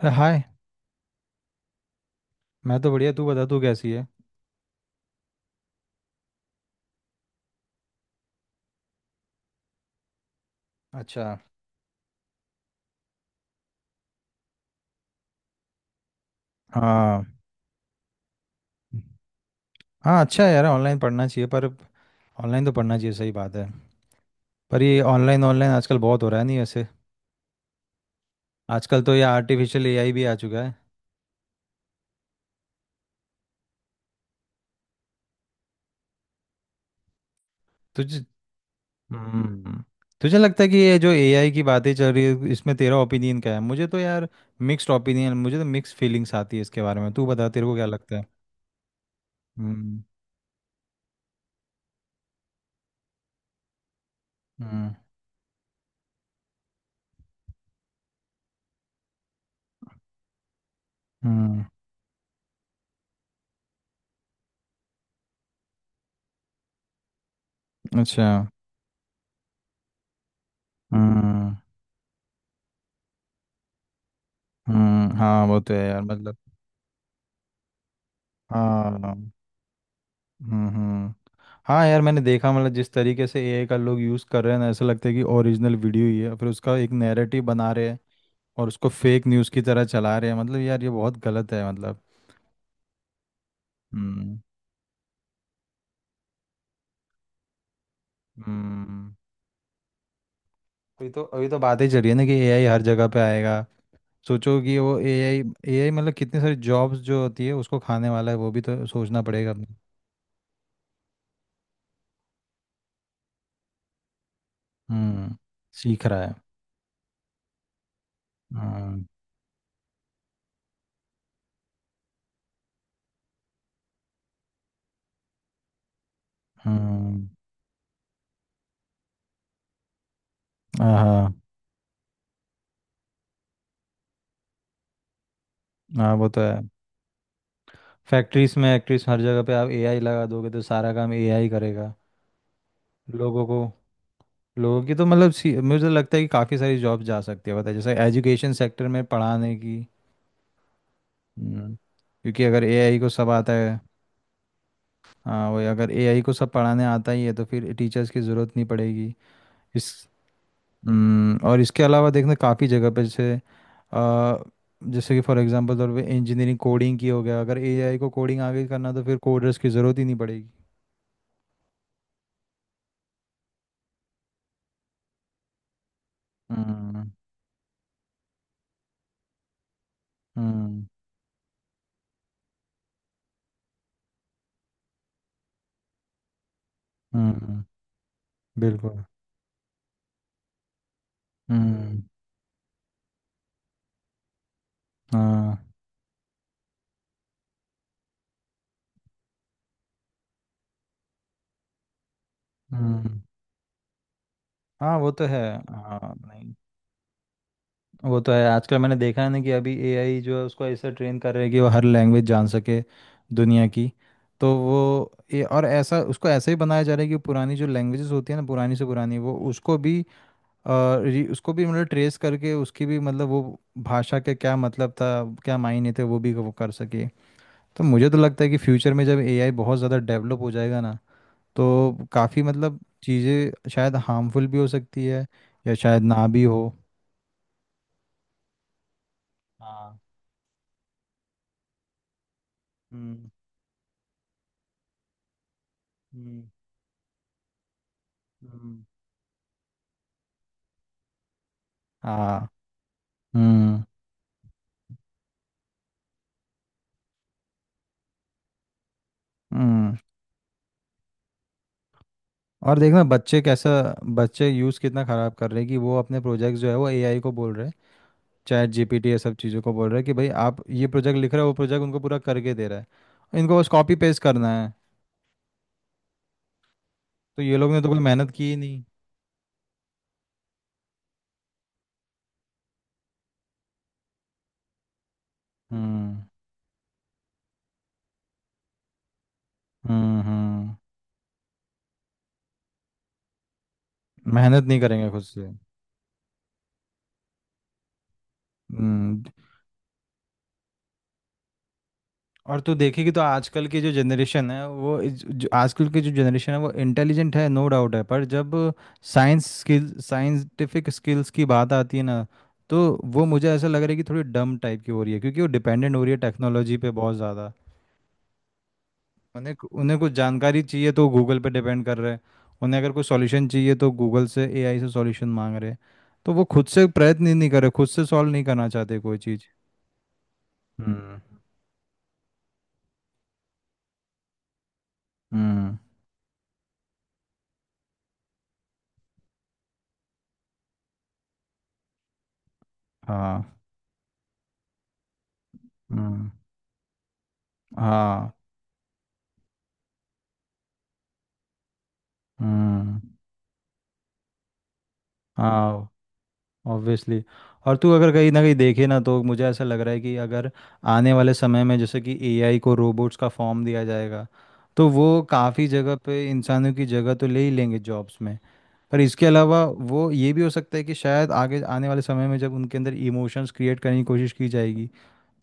अरे हाय। मैं तो बढ़िया। तू बता, तू कैसी है? अच्छा। हाँ। हाँ, अच्छा है यार, ऑनलाइन पढ़ना चाहिए, पर ऑनलाइन तो पढ़ना चाहिए, सही बात है। पर ये ऑनलाइन ऑनलाइन आजकल बहुत हो रहा है, नहीं वैसे? आजकल तो ये आर्टिफिशियल एआई भी आ चुका है। तुझे हम्म तुझे लगता है कि ये जो एआई की बातें चल रही है, इसमें तेरा ओपिनियन क्या है? मुझे तो यार मिक्स्ड ओपिनियन, मुझे तो मिक्स फीलिंग्स आती है इसके बारे में। तू बता, तेरे को क्या लगता है? हम्म। हम्म। हम्म। अच्छा। हम्म। हम्म। हाँ, वो तो है यार, मतलब। हाँ। हम्म। हम्म। हाँ यार, मैंने देखा, मतलब जिस तरीके से एआई का लोग यूज़ कर रहे हैं ना, ऐसा लगता है कि ओरिजिनल वीडियो ही है, फिर उसका एक नैरेटिव बना रहे हैं और उसको फेक न्यूज़ की तरह चला रहे हैं। मतलब यार, ये बहुत गलत है मतलब। हम्म। हम्म। अभी तो बातें चल रही है ना कि एआई हर जगह पे आएगा। सोचो कि वो एआई, मतलब कितनी सारी जॉब्स जो होती है, उसको खाने वाला है, वो भी तो सोचना पड़ेगा अपने। हम्म। सीख रहा है। हम्म। हम्म। हाँ हाँ। हाँ, वो तो है। फैक्ट्रीज में एक्ट्रीज हर जगह पे आप एआई लगा दोगे तो सारा काम एआई करेगा। लोगों को लोगों की तो मतलब मुझे तो लगता है कि काफ़ी सारी जॉब जा सकती है, पता है जैसे एजुकेशन सेक्टर में पढ़ाने की। हम्म, क्योंकि अगर एआई को सब आता है। हाँ वही, अगर एआई को सब पढ़ाने आता ही है तो फिर टीचर्स की ज़रूरत नहीं पड़ेगी। इस और इसके अलावा देखना काफ़ी जगह पे जैसे अ, जैसे कि फॉर एग्जांपल तौर पे इंजीनियरिंग कोडिंग की हो गया, अगर एआई को कोडिंग आगे करना तो फिर कोडर्स की ज़रूरत ही नहीं पड़ेगी। हम्म। हम्म। हम्म। बिल्कुल। हम्म। हाँ। हम्म। हाँ वो तो है। हाँ नहीं, वो तो है, आजकल मैंने देखा है ना कि अभी एआई जो है उसको ऐसा ट्रेन कर रहे हैं कि वो हर लैंग्वेज जान सके दुनिया की। तो वो ये और ऐसा उसको ऐसा ही बनाया जा रहा है कि पुरानी जो लैंग्वेजेस होती है ना, पुरानी से पुरानी, वो अ, उसको भी मतलब ट्रेस करके उसकी भी मतलब वो भाषा के क्या मतलब था, क्या मायने थे, वो भी वो कर सके। तो मुझे तो लगता है कि फ्यूचर में जब एआई बहुत ज़्यादा डेवलप हो जाएगा ना, तो काफ़ी मतलब चीज़ें शायद हार्मफुल भी हो सकती है, या शायद ना भी हो। हाँ। हम्म। हम्म। हम्म। हाँ। हम्म। हम्म। और देखना बच्चे यूज़ कितना ख़राब कर रहे हैं कि वो अपने प्रोजेक्ट जो है वो एआई को बोल रहे हैं, चैट जीपीटी ये सब चीज़ों को बोल रहे हैं कि भाई आप ये प्रोजेक्ट लिख रहे हो, वो प्रोजेक्ट उनको पूरा करके दे रहा है, इनको बस कॉपी पेस्ट करना है। तो ये लोग ने तो कोई मेहनत की ही नहीं। हम्म। हम्म। हम्म। मेहनत नहीं करेंगे खुद से। हम्म। और तू देखेगी तो आजकल की जो जनरेशन है वो इज- जो आजकल की जो जनरेशन है वो इंटेलिजेंट है, नो डाउट है, पर जब साइंस स्किल साइंटिफिक स्किल्स की बात आती है ना, तो वो मुझे ऐसा लग रहा है कि थोड़ी डम टाइप की हो रही है क्योंकि वो डिपेंडेंट हो रही है टेक्नोलॉजी पे बहुत ज़्यादा। उन्हें उन्हें कुछ जानकारी चाहिए तो गूगल पे डिपेंड कर रहे हैं। उन्हें अगर कोई सॉल्यूशन चाहिए तो गूगल से, एआई से सॉल्यूशन मांग रहे हैं। तो वो खुद से प्रयत्न ही नहीं कर रहे, खुद से सॉल्व नहीं करना चाहते कोई चीज़। हम्म। हम्म। हाँ। हम्म। हाँ। हम्म। हाँ। ऑब्वियसली। और तू अगर कहीं ना कहीं देखे ना, तो मुझे ऐसा लग रहा है कि अगर आने वाले समय में जैसे कि एआई को रोबोट्स का फॉर्म दिया जाएगा, तो वो काफ़ी जगह पे इंसानों की जगह तो ले ही लेंगे जॉब्स में। पर इसके अलावा वो ये भी हो सकता है कि शायद आगे आने वाले समय में जब उनके अंदर इमोशंस क्रिएट करने की कोशिश की जाएगी,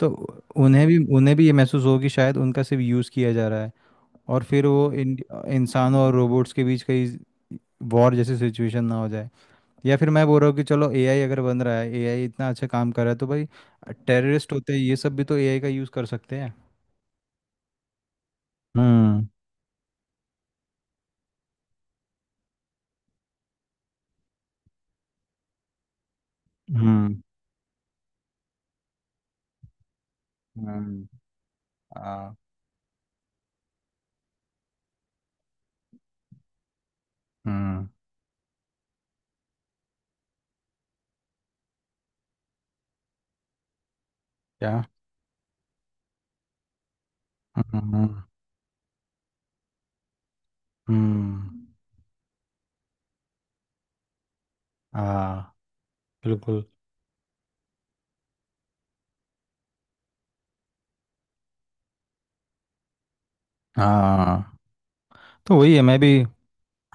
तो उन्हें भी ये महसूस होगी शायद उनका सिर्फ यूज़ किया जा रहा है। और फिर वो इन इंसानों और रोबोट्स के बीच कहीं वॉर जैसी सिचुएशन ना हो। या फिर मैं बोल रहा हूँ कि चलो एआई अगर बन रहा है, एआई इतना अच्छा काम कर रहा है, तो भाई टेररिस्ट होते हैं ये सब भी तो एआई का यूज़ कर सकते हैं। हम्म। हम्म। हम्म। आ, हम्म, क्या? हम्म। हम्म। आ, बिल्कुल। हाँ, तो वही है मैं भी।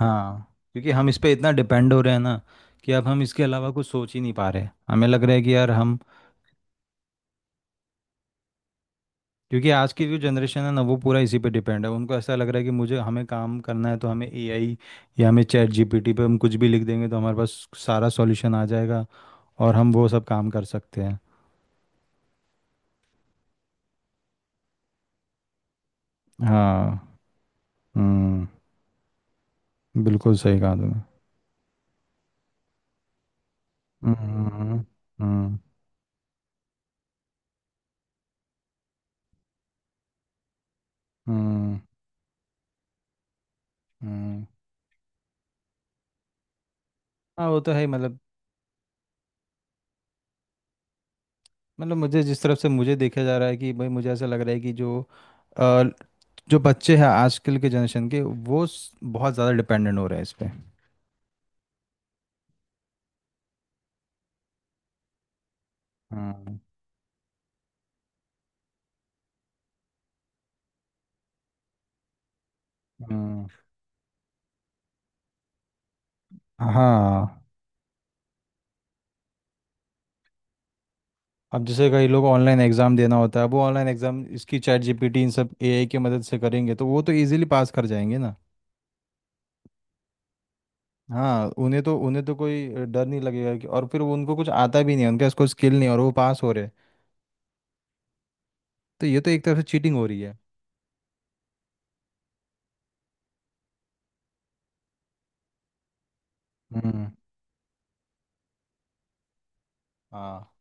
हाँ। क्योंकि हम इस पे इतना डिपेंड हो रहे हैं ना कि अब हम इसके अलावा कुछ सोच ही नहीं पा रहे, हमें लग रहा है कि यार हम, क्योंकि आज की जो जनरेशन है ना वो पूरा इसी पे डिपेंड है, उनको ऐसा लग रहा है कि मुझे हमें काम करना है तो हमें एआई, या हमें चैट जीपीटी पे हम कुछ भी लिख देंगे तो हमारे पास सारा सॉल्यूशन आ जाएगा और हम वो सब काम कर सकते हैं। हाँ। हम्म। बिल्कुल सही कहा तुमने। हम्म। हम्म। हम्म। हम्म। हाँ वो तो है ही, मतलब। मुझे जिस तरफ से मुझे देखा जा रहा है कि भाई मुझे ऐसा लग रहा है कि अ, जो बच्चे हैं आजकल के जनरेशन के वो बहुत ज़्यादा डिपेंडेंट हो रहे हैं इस पे। हम्म। हम्म। हाँ। अब जैसे कई लोग ऑनलाइन एग्ज़ाम देना होता है, वो ऑनलाइन एग्ज़ाम इसकी चैट जीपीटी इन सब एआई की मदद से करेंगे तो वो तो इजीली पास कर जाएंगे ना। हाँ, उन्हें तो कोई डर नहीं लगेगा कि, और फिर वो, उनको कुछ आता भी नहीं है, उनके पास कोई स्किल नहीं है और वो पास हो रहे हैं। तो ये तो एक तरफ से चीटिंग हो रही है। हम्म। हाँ।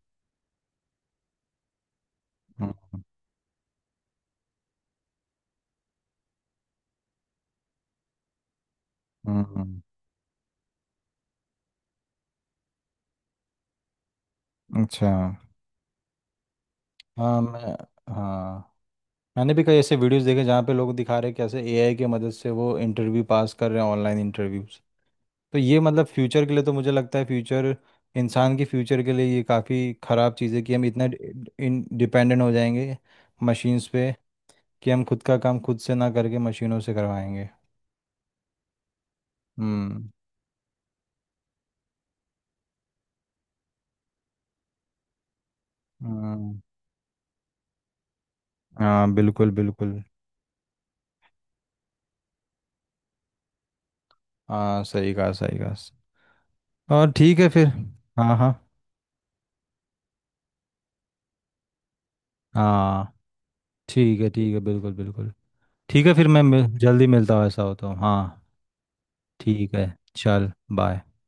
हम्म। अच्छा। हाँ। मैं हाँ, मैंने भी कई ऐसे वीडियोस देखे जहाँ पे लोग दिखा रहे हैं कैसे एआई की मदद से वो इंटरव्यू पास कर रहे हैं, ऑनलाइन इंटरव्यू। तो ये मतलब फ्यूचर के लिए, तो मुझे लगता है फ्यूचर इंसान के फ्यूचर के लिए ये काफ़ी ख़राब चीज़ है कि हम इतना इन डिपेंडेंट हो जाएंगे मशीन्स पे, कि हम खुद का काम खुद से ना करके मशीनों से करवाएंगे। हम्म। हम्म, हाँ बिल्कुल बिल्कुल। हाँ सही कहा सही कहा, और ठीक है फिर। हाँ हाँ हाँ। ठीक है बिल्कुल बिल्कुल। ठीक है फिर मैं जल्दी मिलता हूँ, ऐसा हो तो। हाँ ठीक है, चल बाय।